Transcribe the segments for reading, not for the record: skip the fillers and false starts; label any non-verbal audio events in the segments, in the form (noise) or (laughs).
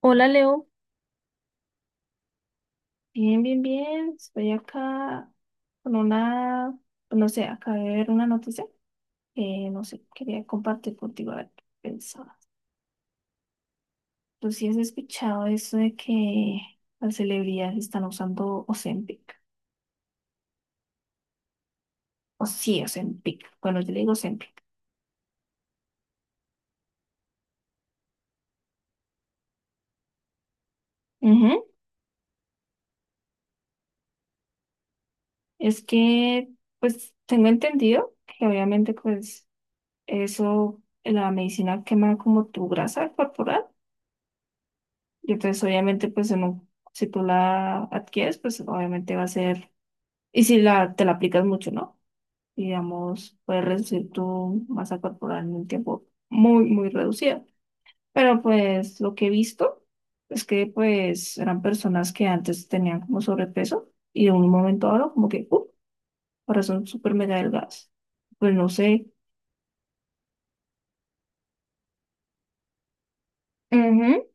Hola Leo, bien, bien, bien. Estoy acá con una, no sé, acabé de ver una noticia que no sé, quería compartir contigo a ver qué pensabas. ¿Tú sí has escuchado eso de que las celebridades están usando Ozempic? O sí, Ozempic. Bueno, yo le digo Ozempic. Ujú. Es que, pues, tengo entendido que obviamente, pues, eso, la medicina quema como tu grasa corporal. Y entonces, obviamente, pues si tú la adquieres, pues obviamente va a ser, y si la, te la aplicas mucho, ¿no? Digamos, puedes reducir tu masa corporal en un tiempo muy, muy reducido. Pero pues lo que he visto es que pues eran personas que antes tenían como sobrepeso y de un momento a otro como que, ¡uh!, ahora son súper mega delgadas. Pues no sé. Ujú.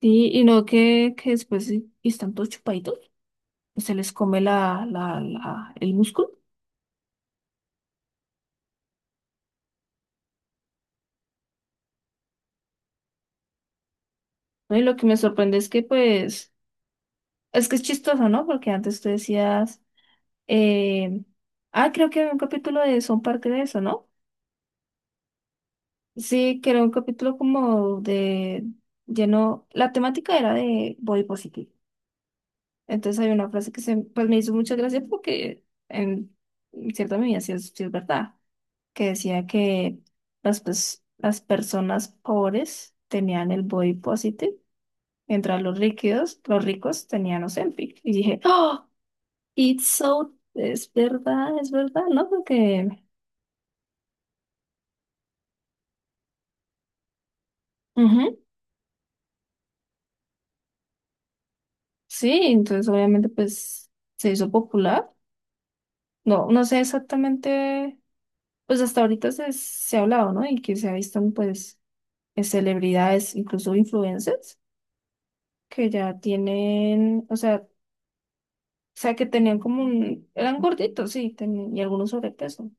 Sí, y no que, que después sí, y están todos chupaditos, pues se les come la, el músculo. No, y lo que me sorprende es que, pues, es que es chistoso, ¿no? Porque antes tú decías, eh, ah, creo que había un capítulo de Son parte de eso, ¿no? Sí, que era un capítulo como de lleno, la temática era de body positive. Entonces hay una frase que se, pues me hizo mucha gracia porque en cierta medida sí es verdad, que decía que las, pues, las personas pobres tenían el body positive, mientras los ricos tenían Ozempic. Y dije, ¡oh! It's so, es verdad, ¿no? Porque, ujú, sí, entonces obviamente pues se hizo popular. No, no sé exactamente, pues hasta ahorita se ha hablado, ¿no? Y que se ha visto, pues celebridades, incluso influencers, que ya tienen, o sea, que tenían como un, eran gorditos, sí, tenían, y algunos sobrepeso.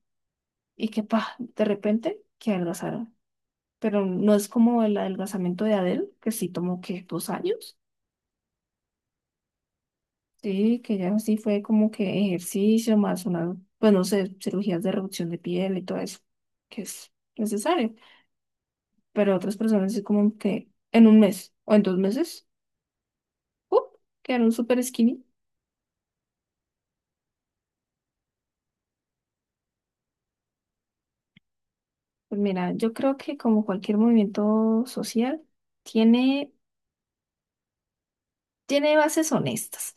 Y que, pa, de repente, que adelgazaron. Pero no es como el adelgazamiento de Adele, que sí tomó, que dos años. Sí, que ya sí fue como que ejercicio más una, pues no sé, cirugías de reducción de piel y todo eso, que es necesario. Pero otras personas es como que en un mes o en 2 meses, ¡uh!, quedaron súper skinny. Pues mira, yo creo que como cualquier movimiento social, tiene, tiene, bases honestas.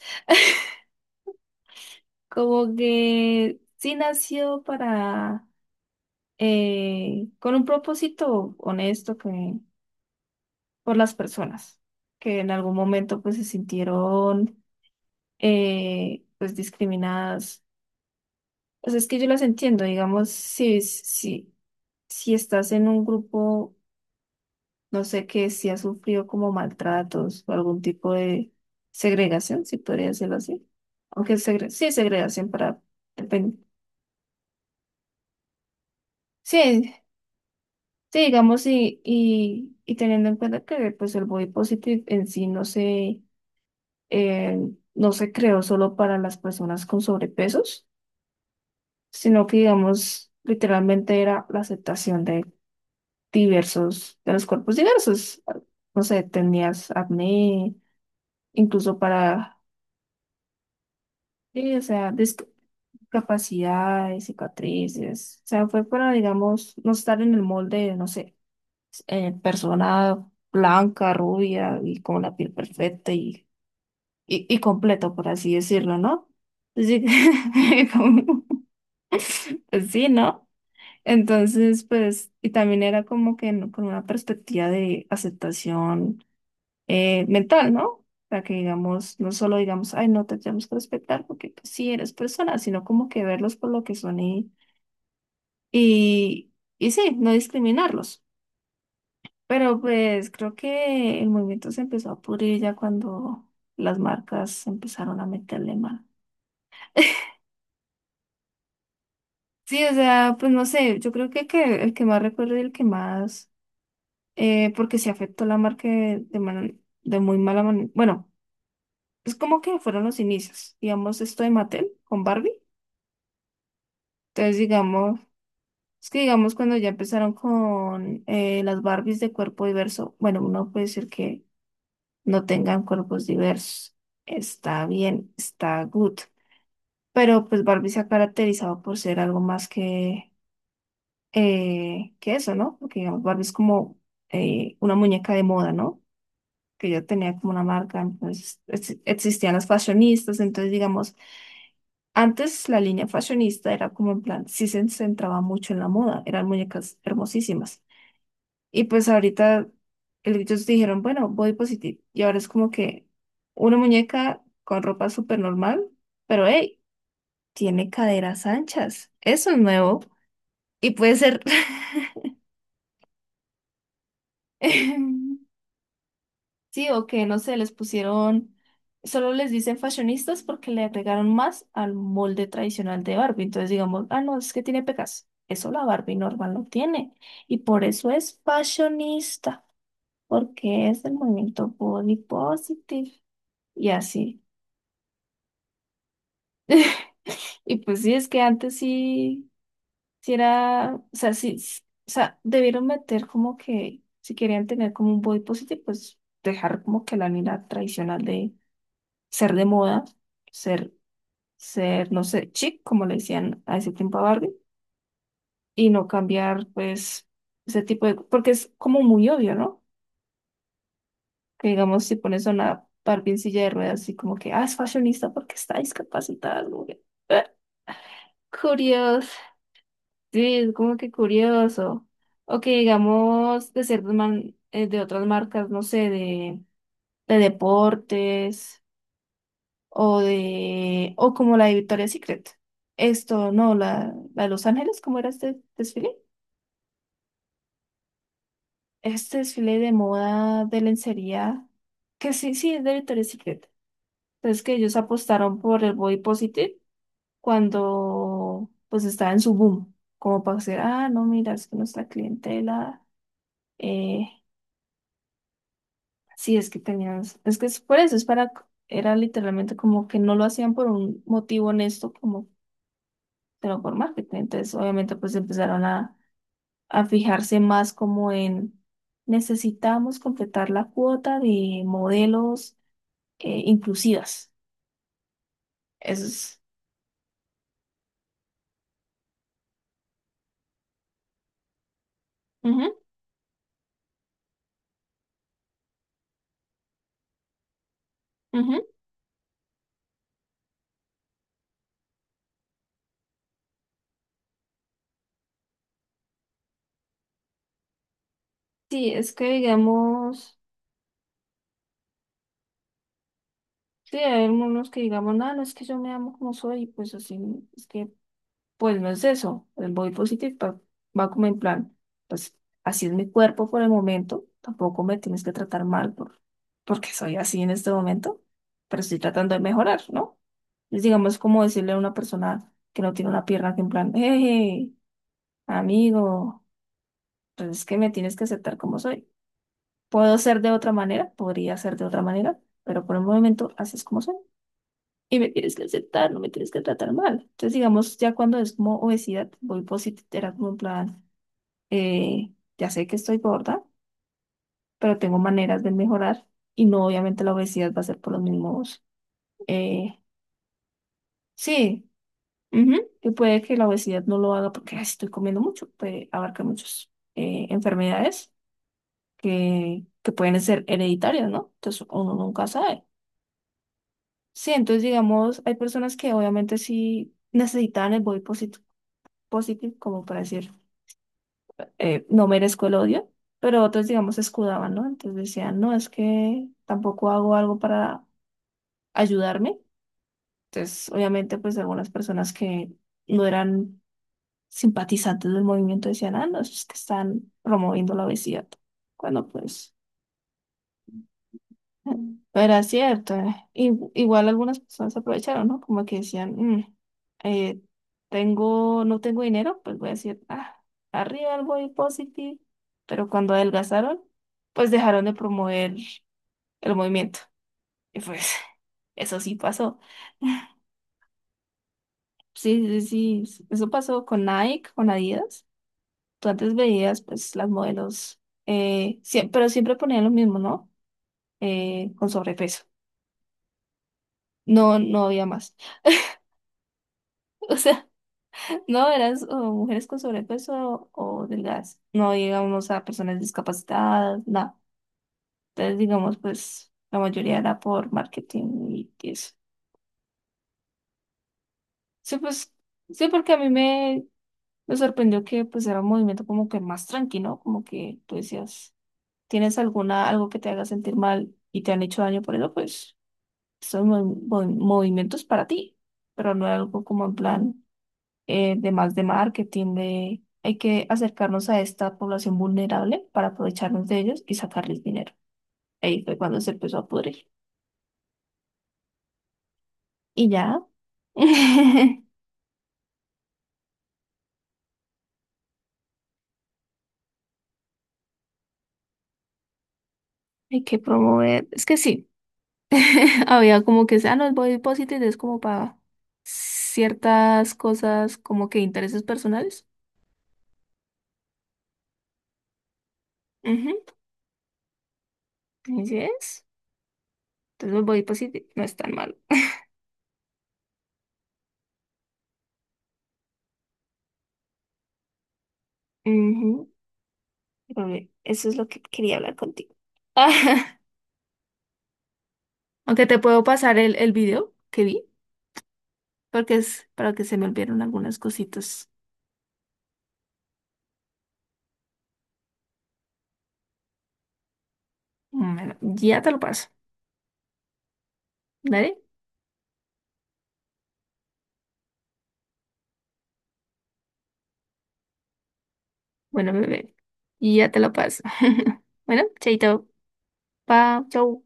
Como que sí nació para, con un propósito honesto que por las personas que en algún momento pues se sintieron, pues discriminadas. Pues es que yo las entiendo, digamos, si, estás en un grupo, no sé, que si has sufrido como maltratos o algún tipo de segregación, si podría decirlo así. Aunque sí, segregación para... depen- Sí, sí, digamos, y teniendo en cuenta que pues el body positive en sí eh, no se creó solo para las personas con sobrepesos, sino que, digamos, literalmente era la aceptación de diversos, de los cuerpos diversos. No sé, tenías acné, incluso para, sí, o sea, discapacidades, cicatrices. O sea, fue para, digamos, no estar en el molde, no sé, persona blanca, rubia y con la piel perfecta y, y completo, por así decirlo, ¿no? Así que, (laughs) pues sí, ¿no? Entonces, pues, y también era como que con una perspectiva de aceptación mental, ¿no? O sea, que digamos, no solo digamos, ay, no te tenemos que respetar porque pues, sí eres persona, sino como que verlos por lo que son y, y, y sí, no discriminarlos. Pero pues creo que el movimiento se empezó a pudrir ya cuando las marcas empezaron a meterle mano. Sí, o sea, pues no sé, yo creo que el que más recuerdo y el que más porque se afectó la marca de muy mala manera. Bueno, es como que fueron los inicios. Digamos, esto de Mattel con Barbie. Entonces, digamos, es que digamos cuando ya empezaron con las Barbies de cuerpo diverso, bueno, uno puede decir que no tengan cuerpos diversos. Está bien, está good. Pero pues Barbie se ha caracterizado por ser algo más que eso, ¿no? Porque digamos, Barbie es como una muñeca de moda, ¿no? Que yo tenía como una marca, entonces existían las fashionistas, entonces digamos, antes la línea fashionista era como en plan, sí se centraba mucho en la moda, eran muñecas hermosísimas. Y pues ahorita ellos dijeron, bueno, body positive, y ahora es como que una muñeca con ropa súper normal, pero hey, tiene caderas anchas, eso es nuevo y puede ser... (laughs) Sí, o que no sé, les pusieron, solo les dicen fashionistas porque le agregaron más al molde tradicional de Barbie. Entonces digamos, ah, no, es que tiene pecas. Eso la Barbie normal no tiene. Y por eso es fashionista, porque es el movimiento body positive. Y así. Y pues sí, es que antes sí, sí era, o sea, sí, o sea, debieron meter como que, si querían tener como un body positive, pues dejar como que la línea tradicional de ser de moda, ser ser, no sé, chic, como le decían a ese tiempo a Barbie, y no cambiar, pues, ese tipo de, porque es como muy obvio, ¿no? Que digamos, si pones a una Barbie en silla de ruedas, así como que, ah, es fashionista porque está discapacitada, como que, "Ah, curioso, sí, es como que curioso. O que digamos, de ciertas de otras marcas, no sé, de, deportes, o de, o como la de Victoria's Secret. Esto, no, la de Los Ángeles, ¿cómo era este desfile? Este desfile de moda de lencería, que sí, sí, es de Victoria's Secret. Entonces que ellos apostaron por el body positive cuando pues estaba en su boom, como para decir, ah, no, mira, es que nuestra clientela, eh, sí, es que tenían, es que es por eso, es para, era literalmente como que no lo hacían por un motivo honesto, como, pero por marketing. Entonces, obviamente, pues empezaron a fijarse más como en necesitamos completar la cuota de modelos inclusivas. Eso es. Ujú, ujú. Sí, es que digamos, sí, hay algunos que digamos, no, no es que yo me amo como soy, y pues así, es que, pues no es eso. El body positive va como en plan, pues así es mi cuerpo por el momento, tampoco me tienes que tratar mal por, porque soy así en este momento, pero estoy tratando de mejorar, ¿no? Es digamos como decirle a una persona que no tiene una pierna que en plan, hey, amigo, pues es que me tienes que aceptar como soy. Puedo ser de otra manera, podría ser de otra manera, pero por el momento haces como soy. Y me tienes que aceptar, no me tienes que tratar mal. Entonces, digamos, ya cuando es como obesidad, voy positivo, era como en plan, eh, ya sé que estoy gorda, pero tengo maneras de mejorar y no obviamente la obesidad va a ser por los mismos. eh, sí, ujú, y puede que la obesidad no lo haga porque "Ay, sí estoy comiendo mucho, puede abarcar muchas enfermedades que pueden ser hereditarias, ¿no? Entonces, uno nunca sabe. Sí, entonces digamos, hay personas que obviamente sí necesitan el body positive, como para decir, no merezco el odio, pero otros digamos se escudaban, ¿no? Entonces decían, no, es que tampoco hago algo para ayudarme. Entonces, obviamente, pues algunas personas que no eran simpatizantes del movimiento decían, ah, no, es que están promoviendo la obesidad, cuando pues, pero es cierto, igual algunas personas se aprovecharon, ¿no? Como que decían, "Mm, eh, tengo, no tengo dinero, pues voy a decir, ah, arriba el body positive. Pero cuando adelgazaron, pues dejaron de promover el movimiento. Y pues (laughs) eso sí pasó. (laughs) Sí, sí, sí, sí, eso pasó con Nike, con Adidas. Tú antes veías, pues, las modelos, pero siempre ponían lo mismo, ¿no? Con sobrepeso. No, no había más. (laughs) O sea, no, eras o mujeres con sobrepeso o delgadas. No, digamos, a personas discapacitadas, nada. Entonces, digamos, pues la mayoría era por marketing y eso. Sí, pues, sí, porque a mí me sorprendió que pues era un movimiento como que más tranquilo, como que tú decías, tienes alguna, algo que te haga sentir mal y te han hecho daño por eso, pues son movimientos para ti, pero no era algo como en plan. De más de marketing, de hay que acercarnos a esta población vulnerable para aprovecharnos de ellos y sacarles dinero. Ahí fue cuando se empezó a pudrir. Y ya, (laughs) hay que promover, es que sí, (laughs) había como que, ah, no, el body positive es como para ciertas cosas, como que intereses personales. Ujú, así es. Entonces el body positive no es tan malo. Ujú, pero bien, eso es lo que quería hablar contigo. (laughs) Aunque te puedo pasar el video que vi. Porque es para que se me olvidaron algunas cositas. Bueno, ya te lo paso. ¿Dale? Bueno, bebé, ya te lo paso. (laughs) Bueno, chaito. Pa, chau.